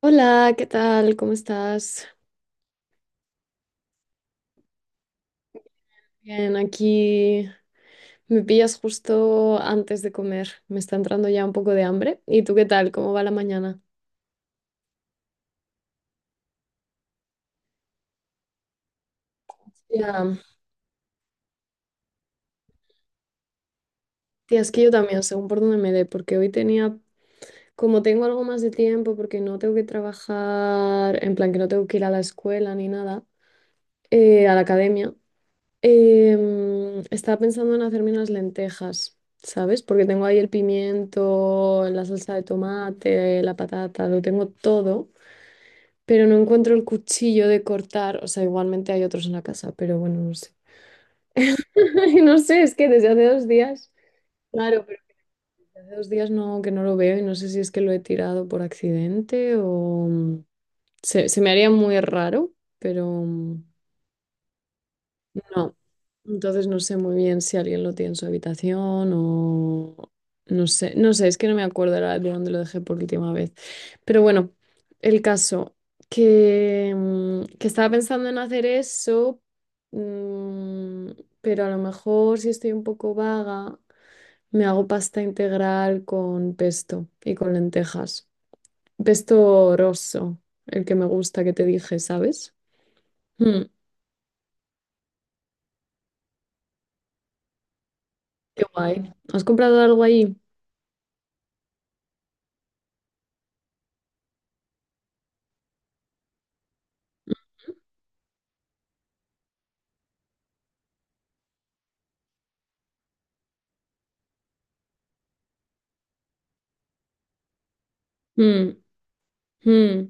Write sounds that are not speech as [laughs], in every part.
Hola, ¿qué tal? ¿Cómo estás? Bien, aquí me pillas justo antes de comer. Me está entrando ya un poco de hambre. ¿Y tú qué tal? ¿Cómo va la mañana? Ya, tía, es que yo también, según por dónde me dé, porque hoy tenía, como tengo algo más de tiempo, porque no tengo que trabajar, en plan que no tengo que ir a la escuela ni nada, a la academia, estaba pensando en hacerme unas lentejas. ¿Sabes? Porque tengo ahí el pimiento, la salsa de tomate, la patata, lo tengo todo. Pero no encuentro el cuchillo de cortar. O sea, igualmente hay otros en la casa, pero bueno, no sé. [laughs] No sé, es que desde hace dos días. Claro, pero que desde hace dos días no, que no lo veo y no sé si es que lo he tirado por accidente o... se me haría muy raro, pero no. Entonces no sé muy bien si alguien lo tiene en su habitación o no sé, no sé, es que no me acuerdo ahora de dónde lo dejé por última vez. Pero bueno, el caso que que estaba pensando en hacer eso, mm, pero a lo mejor si estoy un poco vaga, me hago pasta integral con pesto y con lentejas. Pesto rosso, el que me gusta que te dije, ¿sabes? Mm, qué guay. ¿Has comprado algo ahí? Mm, mm.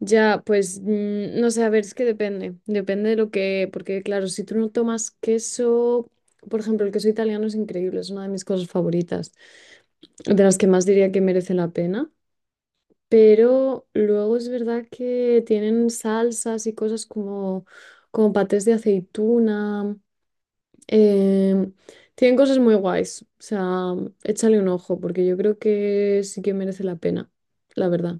Ya, pues no sé, a ver, es que depende de lo que, porque claro, si tú no tomas queso, por ejemplo, el queso italiano es increíble, es una de mis cosas favoritas, de las que más diría que merece la pena, pero luego es verdad que tienen salsas y cosas como, como patés de aceituna, em, tienen cosas muy guays, o sea, échale un ojo, porque yo creo que sí que merece la pena, la verdad.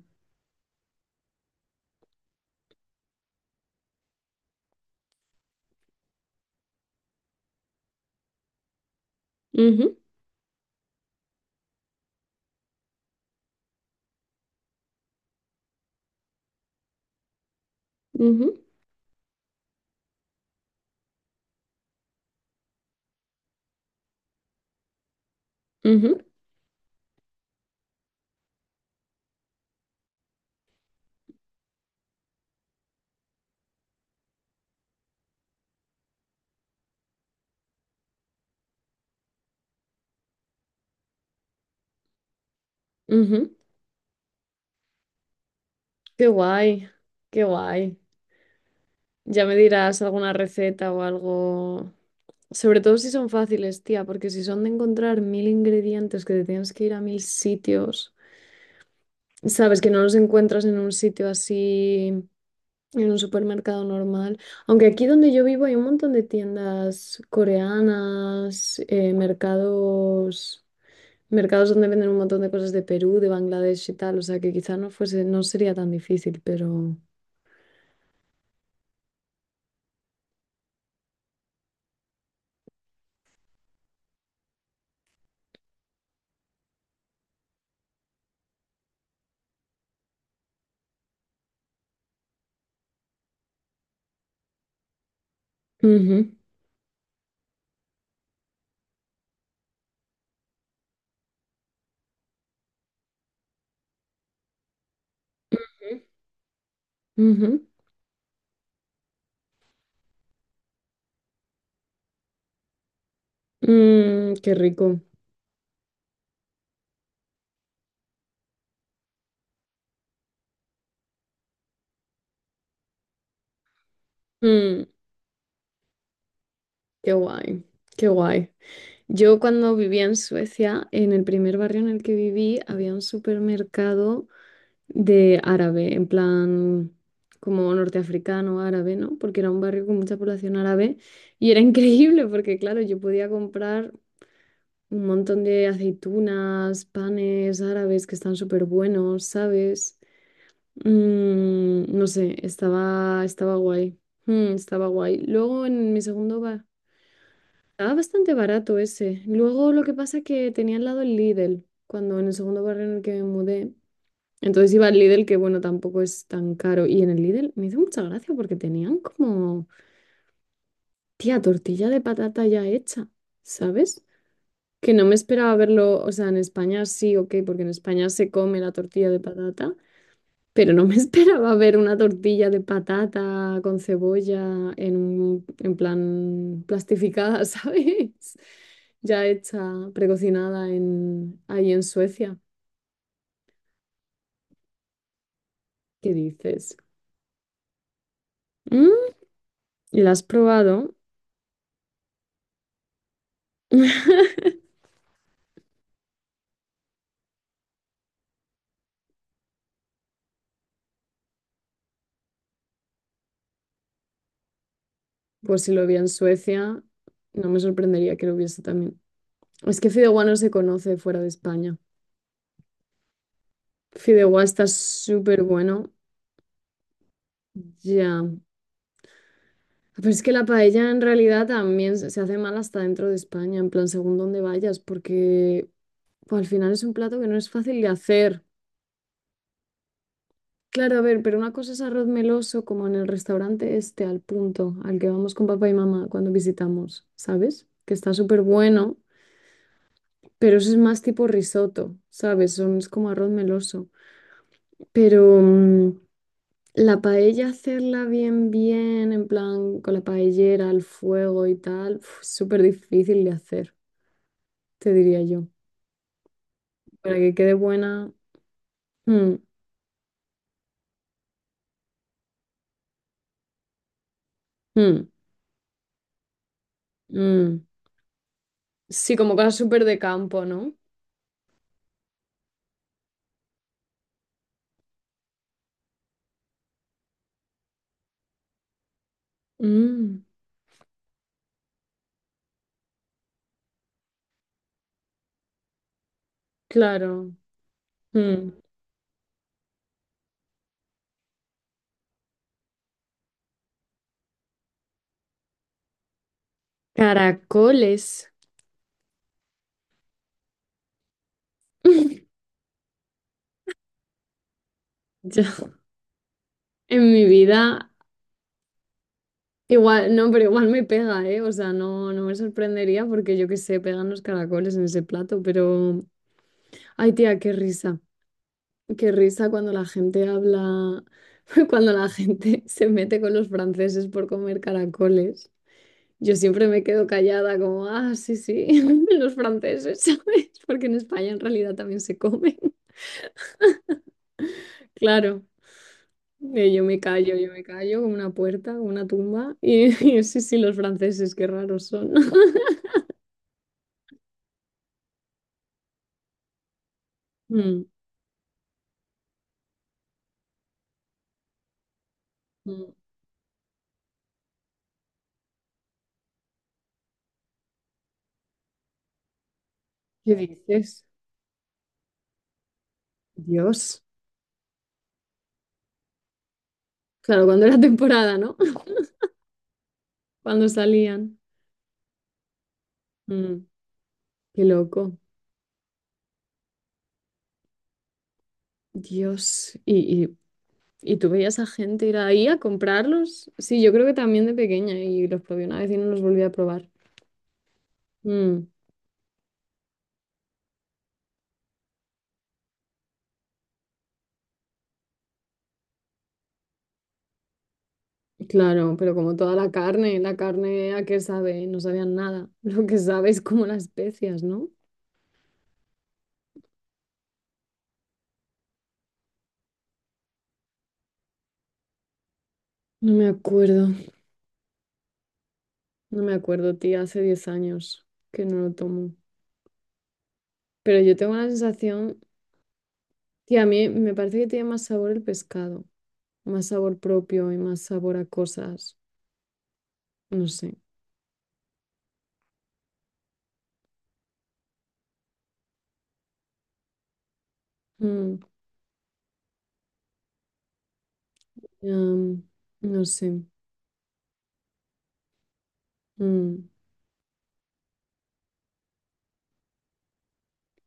Ujú, ujú, ujú, ujú. Qué guay, qué guay. Ya me dirás alguna receta o algo. Sobre todo si son fáciles, tía, porque si son de encontrar mil ingredientes que te tienes que ir a mil sitios, sabes que no los encuentras en un sitio así, en un supermercado normal. Aunque aquí donde yo vivo hay un montón de tiendas coreanas, mercados, mercados donde venden un montón de cosas de Perú, de Bangladesh y tal. O sea que quizá no fuese, no sería tan difícil, pero. Ujú, ujú. Mm, qué rico. Mm, qué guay, qué guay. Yo cuando vivía en Suecia, en el primer barrio en el que viví, había un supermercado de árabe, en plan como norteafricano, árabe, ¿no? Porque era un barrio con mucha población árabe y era [laughs] increíble porque, claro, yo podía comprar un montón de aceitunas, panes árabes que están súper buenos, ¿sabes? Mm, no sé, estaba guay. Mm, estaba guay. Luego en mi segundo bar. Estaba bastante barato ese. Luego lo que pasa es que tenía al lado el Lidl, cuando en el segundo barrio en el que me mudé. Entonces iba al Lidl, que bueno, tampoco es tan caro. Y en el Lidl me hizo mucha gracia porque tenían como, tía, tortilla de patata ya hecha, ¿sabes? Que no me esperaba verlo, o sea, en España sí, ok, porque en España se come la tortilla de patata. Pero no me [laughs] esperaba ver una tortilla de patata con cebolla en un, en plan plastificada, [laughs] ¿sabes? Ya hecha, precocinada en, ahí en Suecia. ¿Qué dices? Mm, ¿la has probado? [laughs] Pues si lo vi en Suecia, no me sorprendería que lo hubiese también. Es que fideuá no se conoce fuera de España. Fideuá está súper bueno. Ya. Pero es que la paella en realidad también se hace mal hasta dentro de España, en plan, según dónde vayas, porque pues, al final es un plato que no es fácil de hacer. Claro, a ver, pero una cosa es arroz meloso, como en el restaurante este, al punto, al que vamos con papá y mamá cuando visitamos, ¿sabes? Que está súper bueno, pero eso es más tipo risotto, ¿sabes? Son, es como arroz meloso. Pero la paella, hacerla bien, bien, en plan, con la paellera, al fuego y tal, uf, es súper difícil de hacer. Te diría yo. Para que quede buena. Mm, mm, mm. Sí, como cosas súper de campo, ¿no? Mm, claro. Mm. Caracoles. [laughs] Yo, en mi vida, igual, no, pero igual me pega, ¿eh? O sea, no, no me sorprendería porque yo qué sé, pegan los caracoles en ese plato, pero, ay, tía, qué risa cuando la gente habla, [laughs] cuando la gente se mete con los franceses por comer caracoles. Yo siempre me quedo callada como, ah, sí, sí, [laughs] los franceses, ¿sabes? Porque en España en realidad también se comen. Claro, yo me callo como una puerta, como una tumba. Y, [laughs] y sí, sí, los franceses, qué raros son. [laughs] Mm, mm. ¿Qué dices? Dios. Claro, cuando era temporada, ¿no? [laughs] Cuando salían. Mm, qué loco. Dios. Y tú veías a gente ir ahí a comprarlos. Sí, yo creo que también de pequeña y los probé una vez y no los volví a probar. Mm. Claro, pero como toda la carne a qué sabe, no sabían nada. [laughs] Lo que sabe es como las especias, ¿no? No me acuerdo, no me acuerdo, tía, hace 10 años que no lo tomo. Pero yo tengo la sensación, tía, a mí me parece que tiene más sabor el pescado, más sabor propio y más sabor a cosas. No sé. Mm, am, no sé. Mm,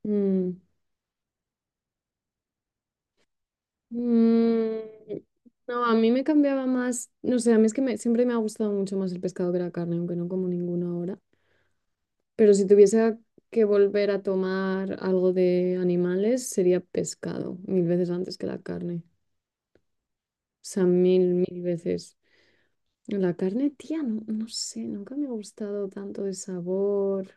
mm. Mm, no, a mí me cambiaba más, no sé, a mí es que me- siempre me ha gustado mucho más el pescado que la carne, aunque no como ninguno ahora. Pero si tuviese que volver a tomar algo de animales, sería pescado, mil veces antes que la carne. O sea, mil, mil veces. La carne, tía, no, no sé, nunca me ha gustado tanto el sabor,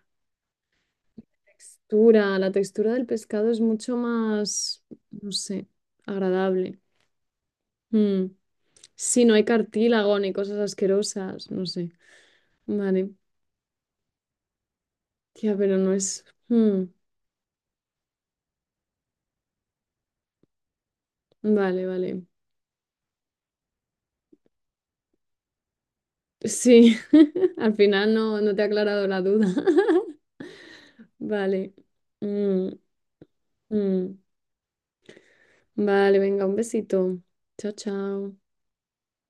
textura. La textura del pescado es mucho más, no sé, agradable. Mm. Sí, no hay cartílago ni cosas asquerosas, no sé. Vale. Tía, pero no es... Mm, vale, vale. Sí, [laughs] al final no, no te ha aclarado la duda. [laughs] Vale. Mm, mm. Vale, venga, un besito. Chao, chao.